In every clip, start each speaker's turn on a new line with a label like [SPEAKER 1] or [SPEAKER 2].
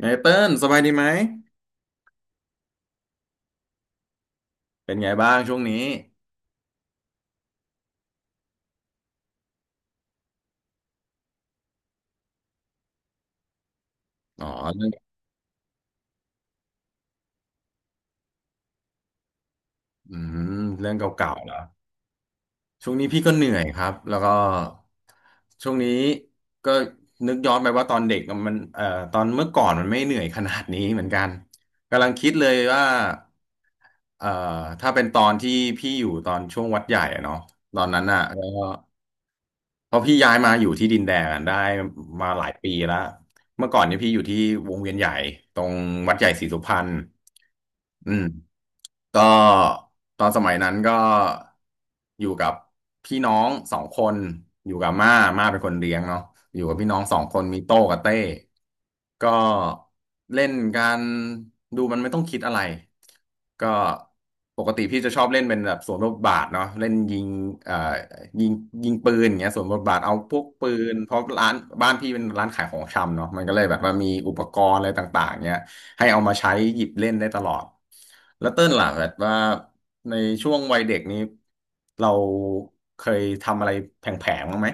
[SPEAKER 1] ไงเติ้ลสบายดีไหมเป็นไงบ้างช่วงนี้อ๋อเรื่องอืมเรื่องเก่าๆเหรอช่วงนี้พี่ก็เหนื่อยครับแล้วก็ช่วงนี้ก็นึกย้อนไปว่าตอนเด็กอะมันตอนเมื่อก่อนมันไม่เหนื่อยขนาดนี้เหมือนกันกำลังคิดเลยว่าเอ่อถ้าเป็นตอนที่พี่อยู่ตอนช่วงวัดใหญ่อะเนาะตอนนั้นอ่ะแล้วก็เพราะพี่ย้ายมาอยู่ที่ดินแดงอะได้มาหลายปีแล้วเมื่อก่อนเนี่ยพี่อยู่ที่วงเวียนใหญ่ตรงวัดใหญ่ศรีสุพรรณอืม ก็ตอนสมัยนั้นก็อยู่กับพี่น้องสองคนอยู่กับม่าม่าเป็นคนเลี้ยงเนาะอยู่กับพี่น้องสองคนมีโต้กับเต้ก็เล่นกันดูมันไม่ต้องคิดอะไรก็ปกติพี่จะชอบเล่นเป็นแบบสวนบทบาทเนาะเล่นยิงเอ่อยิงปืนอย่างเงี้ยสวนบทบาทเอาพวกปืนเพราะร้านพี่เป็นร้านขายของชำเนาะมันก็เลยแบบว่ามีอุปกรณ์อะไรต่างๆเงี้ย ให้เอามาใช้หยิบเล่นได้ตลอด แล้วเติ้ลล่ะแบบว่าในช่วงวัยเด็กนี้เราเคยทำอะไรแผลงๆบ้างไหม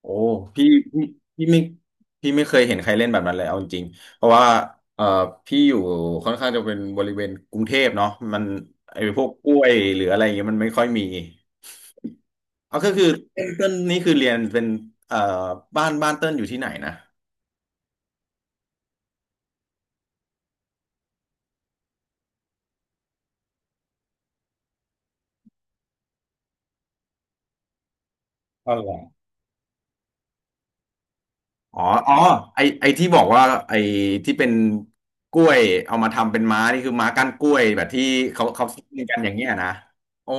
[SPEAKER 1] โอ้พี่พี่พี่ไม่พี่ไม่เคยเห็นใครเล่นแบบนั้นเลยเอาจริงๆเพราะว่าเอ่อพี่อยู่ค่อนข้างจะเป็นบริเวณกรุงเทพเนาะมันไอ้พวกกล้วยหรืออะไรอย่างเงี้ยมันไม่ค่อยมีเอาก็คือเติ้ลนี่คือเรียนเป็นเอ่อบ้านเติ้ลอยู่ที่ไหนนะอ๋อเหรอ อ๋ออ๋อไอที่บอกว่าไอที่เป็นกล้วยเอามาทำเป็นม้านี่คือม้าก้านกล้วยแบบที่เขาซิ่งกันอย่างเงี้ยนะโอ้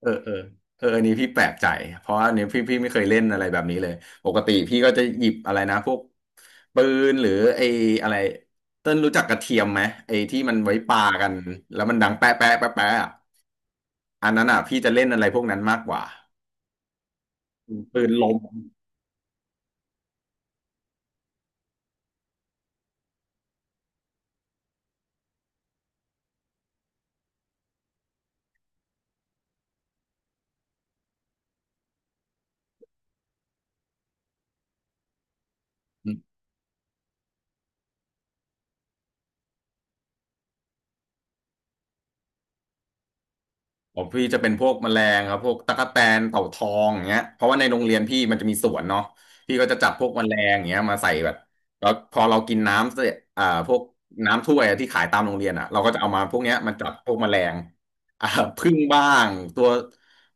[SPEAKER 1] เออเออเอออันนี้พี่แปลกใจเพราะอันนี้พี่ไม่เคยเล่นอะไรแบบนี้เลยปกติพี่ก็จะหยิบอะไรนะพวกปืนหรือไออะไรเต้นรู้จักกระเทียมไหมไอที่มันไว้ปากันแล้วมันดังแป๊ะแป๊ะแป๊ะแป๊ะอะอันนั้นอ่ะพี่จะเล่นอะไรพวกนั้นมากกว่าปืนลม ของพี่จะเป็นพวกแมลงครับพวกตั๊กแตนเต่าทองอย่างเงี้ยเพราะว่าในโรงเรียนพี่มันจะมีสวนเนาะพี่ก็จะจับพวกแมลงอย่างเงี้ยมาใส่แบบแล้วพอเรากินน้ำเสร็จอ่าพวกน้ำถ้วยอะที่ขายตามโรงเรียนอ่ะเราก็จะเอามาพวกเนี้ยมาจับพวกแมลงอ่าผึ้งบ้างตัว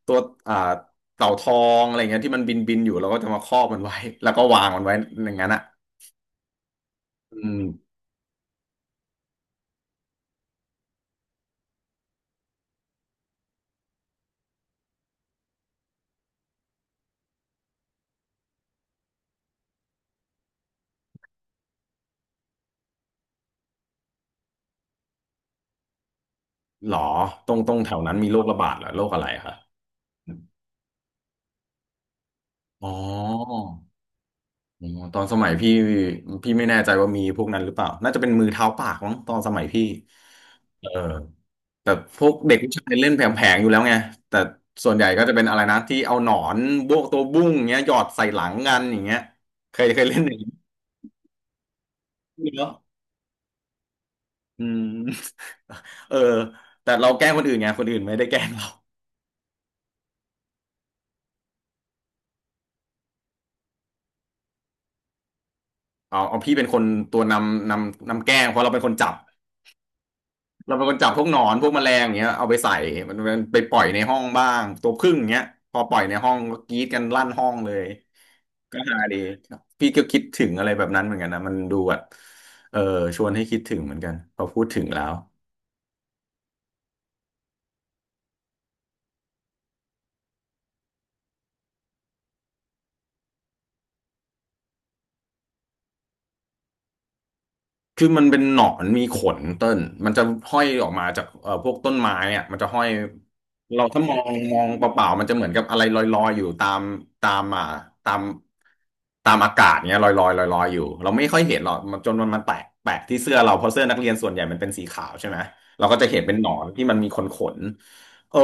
[SPEAKER 1] ตัวอ่าเต่าทองอะไรเงี้ยที่มันบินอยู่เราก็จะมาครอบมันไว้แล้วก็วางมันไว้อย่างนั้นอ่ะอืมหรอตรงแถวนั้นมีโรคระบาดเหรอโรคอะไรคะอ๋อ อ๋อตอนสมัยพี่พี่ไม่แน่ใจว่ามีพวกนั้นหรือเปล่าน่าจะเป็นมือเท้าปากมั้งตอนสมัยพี่เออแต่พวกเด็กผู้ชายเล่นแผลงๆอยู่แล้วไงแต่ส่วนใหญ่ก็จะเป็นอะไรนะที่เอาหนอนบวกตัวบุ้งอย่างเงี้ยหยอดใส่หลังกันอย่างเงี้ยเคยเล่นอย่างนี้เนาะอืม เออแต่เราแกล้งคนอื่นไงคนอื่นไม่ได้แกล้งเราเอาพี่เป็นคนตัวนำนำแกล้งเพราะเราเป็นคนจับ เราเป็นคนจับพวกหนอนพวกแมลงอย่างเงี้ยเอาไปใส่มันไปปล่อยในห้องบ้างตัวผึ้งอย่างเงี้ยพอปล่อยในห้องก็กรี๊ดกันลั่นห้องเลยก็ฮาดีพี่ก็คิดถึงอะไรแบบนั้นเหมือนกันนะมันดูแบบเออชวนให้คิดถึงเหมือนกันพอพูดถึงแล้ว คือมันเป็นหนอนมีขนเต้นมันจะห้อยออกมาจากพวกต้นไม้อ่ะมันจะห้อยเราถ้ามองเปล่าๆมันจะเหมือนกับอะไรลอยๆอยู่ตามตามอ่าตามตามอากาศเนี้ยลอยๆลอยๆอยู่เราไม่ค่อยเห็นหรอกมันจนมันแตกแปะที่เสื้อเราเพราะเสื้อนักเรียนส่วนใหญ่มันเป็นสีขาวใช่ไหมเราก็จะเห็นเป็นหนอนที่มันมีขนเออ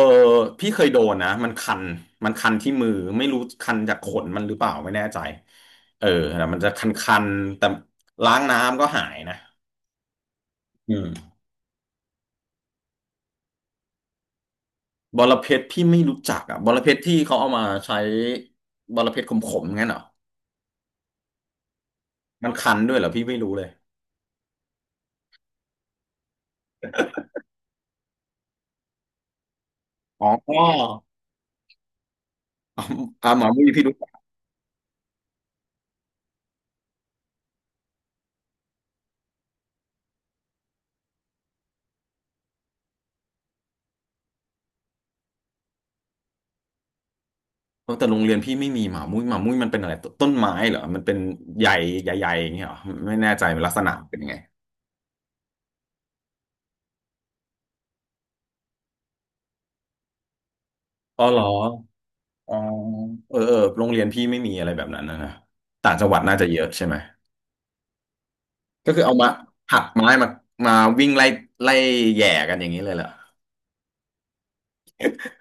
[SPEAKER 1] พี่เคยโดนนะมันคันคันที่มือไม่รู้คันจากขนมันหรือเปล่าไม่แน่ใจเออแต่มันจะคันๆแต่ล้างน้ำก็หายนะ อืมบอระเพ็ดพี่ไม่รู้จักอ่ะบอระเพ็ดที่เขาเอามาใช้บอระเพ็ดขมๆงั้นเหรอมันคันด้วยเหรอพี่ไม่รู้เลยอ๋อ อ๋อหมามุ้ยพี่รู้จักเออแต่โรงเรียนพี่ไม่มีหมามุ้ยหมามุ้ยมันเป็นอะไรต้นไม้เหรอมันเป็นใหญ่ใหญ่ๆอย่างเงี้ยเหรอไม่แน่ใจลักษณะเป็นยังไงอ๋อเหรออ๋อเออเออโรงเรียนพี่ไม่มีอะไรแบบนั้นนะต่างจังหวัดน่าจะเยอะใช่ไหมก็คือเอามาหักไม้มามาวิ่งไล่ไล่แหย่กันอย่างนี้เลยเหรอ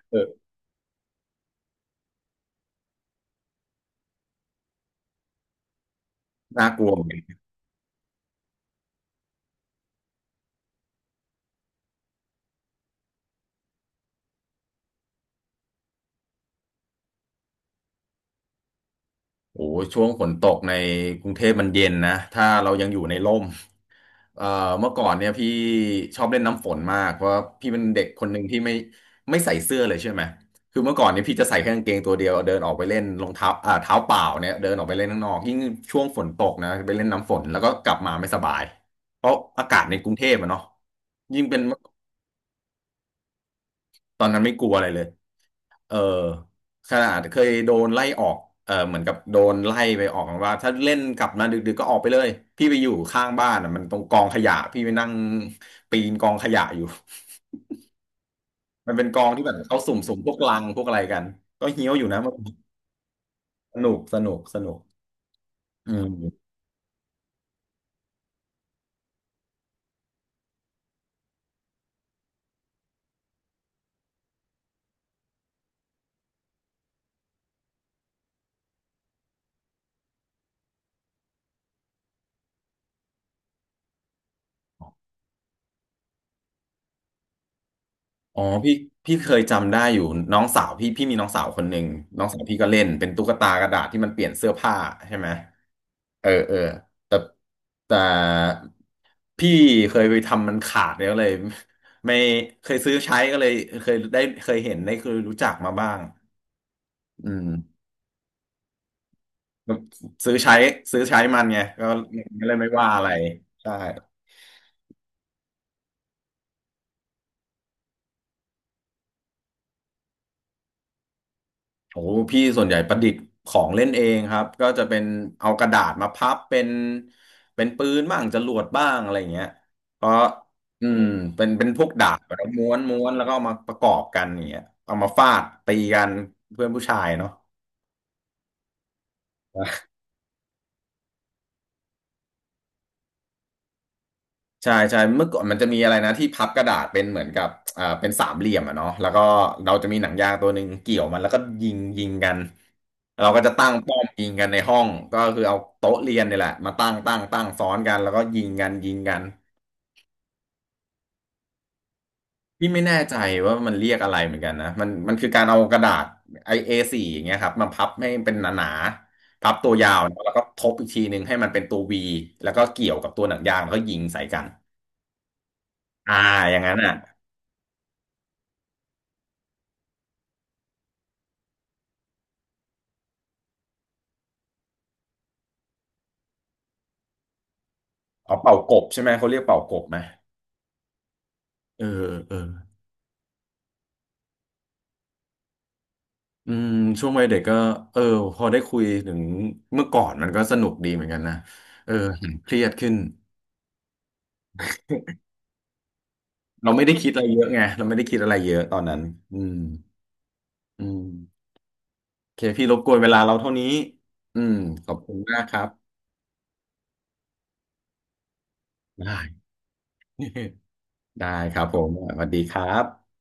[SPEAKER 1] เออน่ากลัว โอ้ช่วงฝนตกในกรุงเทพมันเย็นนะถ้าเรายังอยู่ในร่มเอ่อเมื่อก่อนเนี่ยพี่ชอบเล่นน้ำฝนมากเพราะพี่เป็นเด็กคนหนึ่งที่ไม่ใส่เสื้อเลยใช่ไหมคือเมื่อก่อนเนี่ยพี่จะใส่แค่กางเกงตัวเดียวเดินออกไปเล่นรองเท้าเท้าเปล่าเนี่ยเดินออกไปเล่นข้างนอกยิ่งช่วงฝนตกนะไปเล่นน้ำฝนแล้วก็กลับมาไม่สบายเพราะอากาศในกรุงเทพอะเนาะยิ่งเป็นตอนนั้นไม่กลัวอะไรเลย เออขนาดเคยโดนไล่ออกเออเหมือนกับโดนไล่ไปออกว่าถ้าเล่นกลับมาดึกๆก็ออกไปเลย พี่ไปอยู่ข้างบ้านอ่ะมันตรงกองขยะ พี่ไปนั่งปีนกองขยะอยู่ มันเป็นกองที่แบบเขาสุ่มๆพวกลังพวกอะไรกันก็เฮี้ยวอยู่นะมันสนุกสนุกสนุกอืมอ๋อพี่เคยจำได้อยู่น้องสาวพี่มีน้องสาวคนหนึ่งน้องสาวพี่ก็เล่นเป็นตุ๊กตากระดาษที่มันเปลี่ยนเสื้อผ้าใช่ไหม เออเออแต่แต่พี่เคยไปทำมันขาดแล้วเลย ไม่เคยซื้อใช้ก็เลยเคยได้เคยเห็นได้เคยรู้จักมาบ้างอืมซื้อใช้ซื้อใช้มันไงก็เลยไม่ว่าอะไรใช่ โอ้พี่ส่วนใหญ่ประดิษฐ์ของเล่นเองครับก็จะเป็นเอากระดาษมาพับเป็นเป็นปืนบ้างจรวดบ้างอะไรอย่างเงี้ยเพราะอืมเป็นพวกดาบแล้วม้วนแล้วก็เอามาประกอบกันอย่างเงี้ยเอามาฟาดตีกันเพื่อนผู้ชายเนาะ ใช่ใช่เมื่อก่อนมันจะมีอะไรนะที่พับกระดาษเป็นเหมือนกับเป็นสามเหลี่ยมอะเนาะแล้วก็เราจะมีหนังยางตัวหนึ่งเกี่ยวมันแล้วก็ยิงกันเราก็จะตั้งป้อมยิงกันในห้องก็คือเอาโต๊ะเรียนเนี่ยแหละมาตั้งซ้อนกันแล้วก็ยิงกันพี่ไม่แน่ใจว่ามันเรียกอะไรเหมือนกันนะมันคือการเอากระดาษไอเอสี่อย่างเงี้ยครับมาพับให้เป็นหนาๆพับตัวยาวเนอะแล้วก็ทบอีกทีหนึ่งให้มันเป็นตัววีแล้วก็เกี่ยวกับตัวหนังยางแล้วก็ยิงใส่กันอ่าอย่างนั้นอ่ะ อ๋อเป่ากบใช่ไหมเขาเรียกเป่ากบไหมเออเอออืมช่วงวัยเด็กก็เออพอได้คุยถึงเมื่อก่อนมันก็สนุกดีเหมือนกันนะเออเห็นเครียดขึ้นเราไม่ได้คิดอะไรเยอะไงเราไม่ได้คิดอะไรเยอะตอนนั้นอืมอืมโอเคพี่รบกวนเวลาเราเท่านี้อืมขอบคุณมากครับได้ ได้ครับผมสวัสดีครับ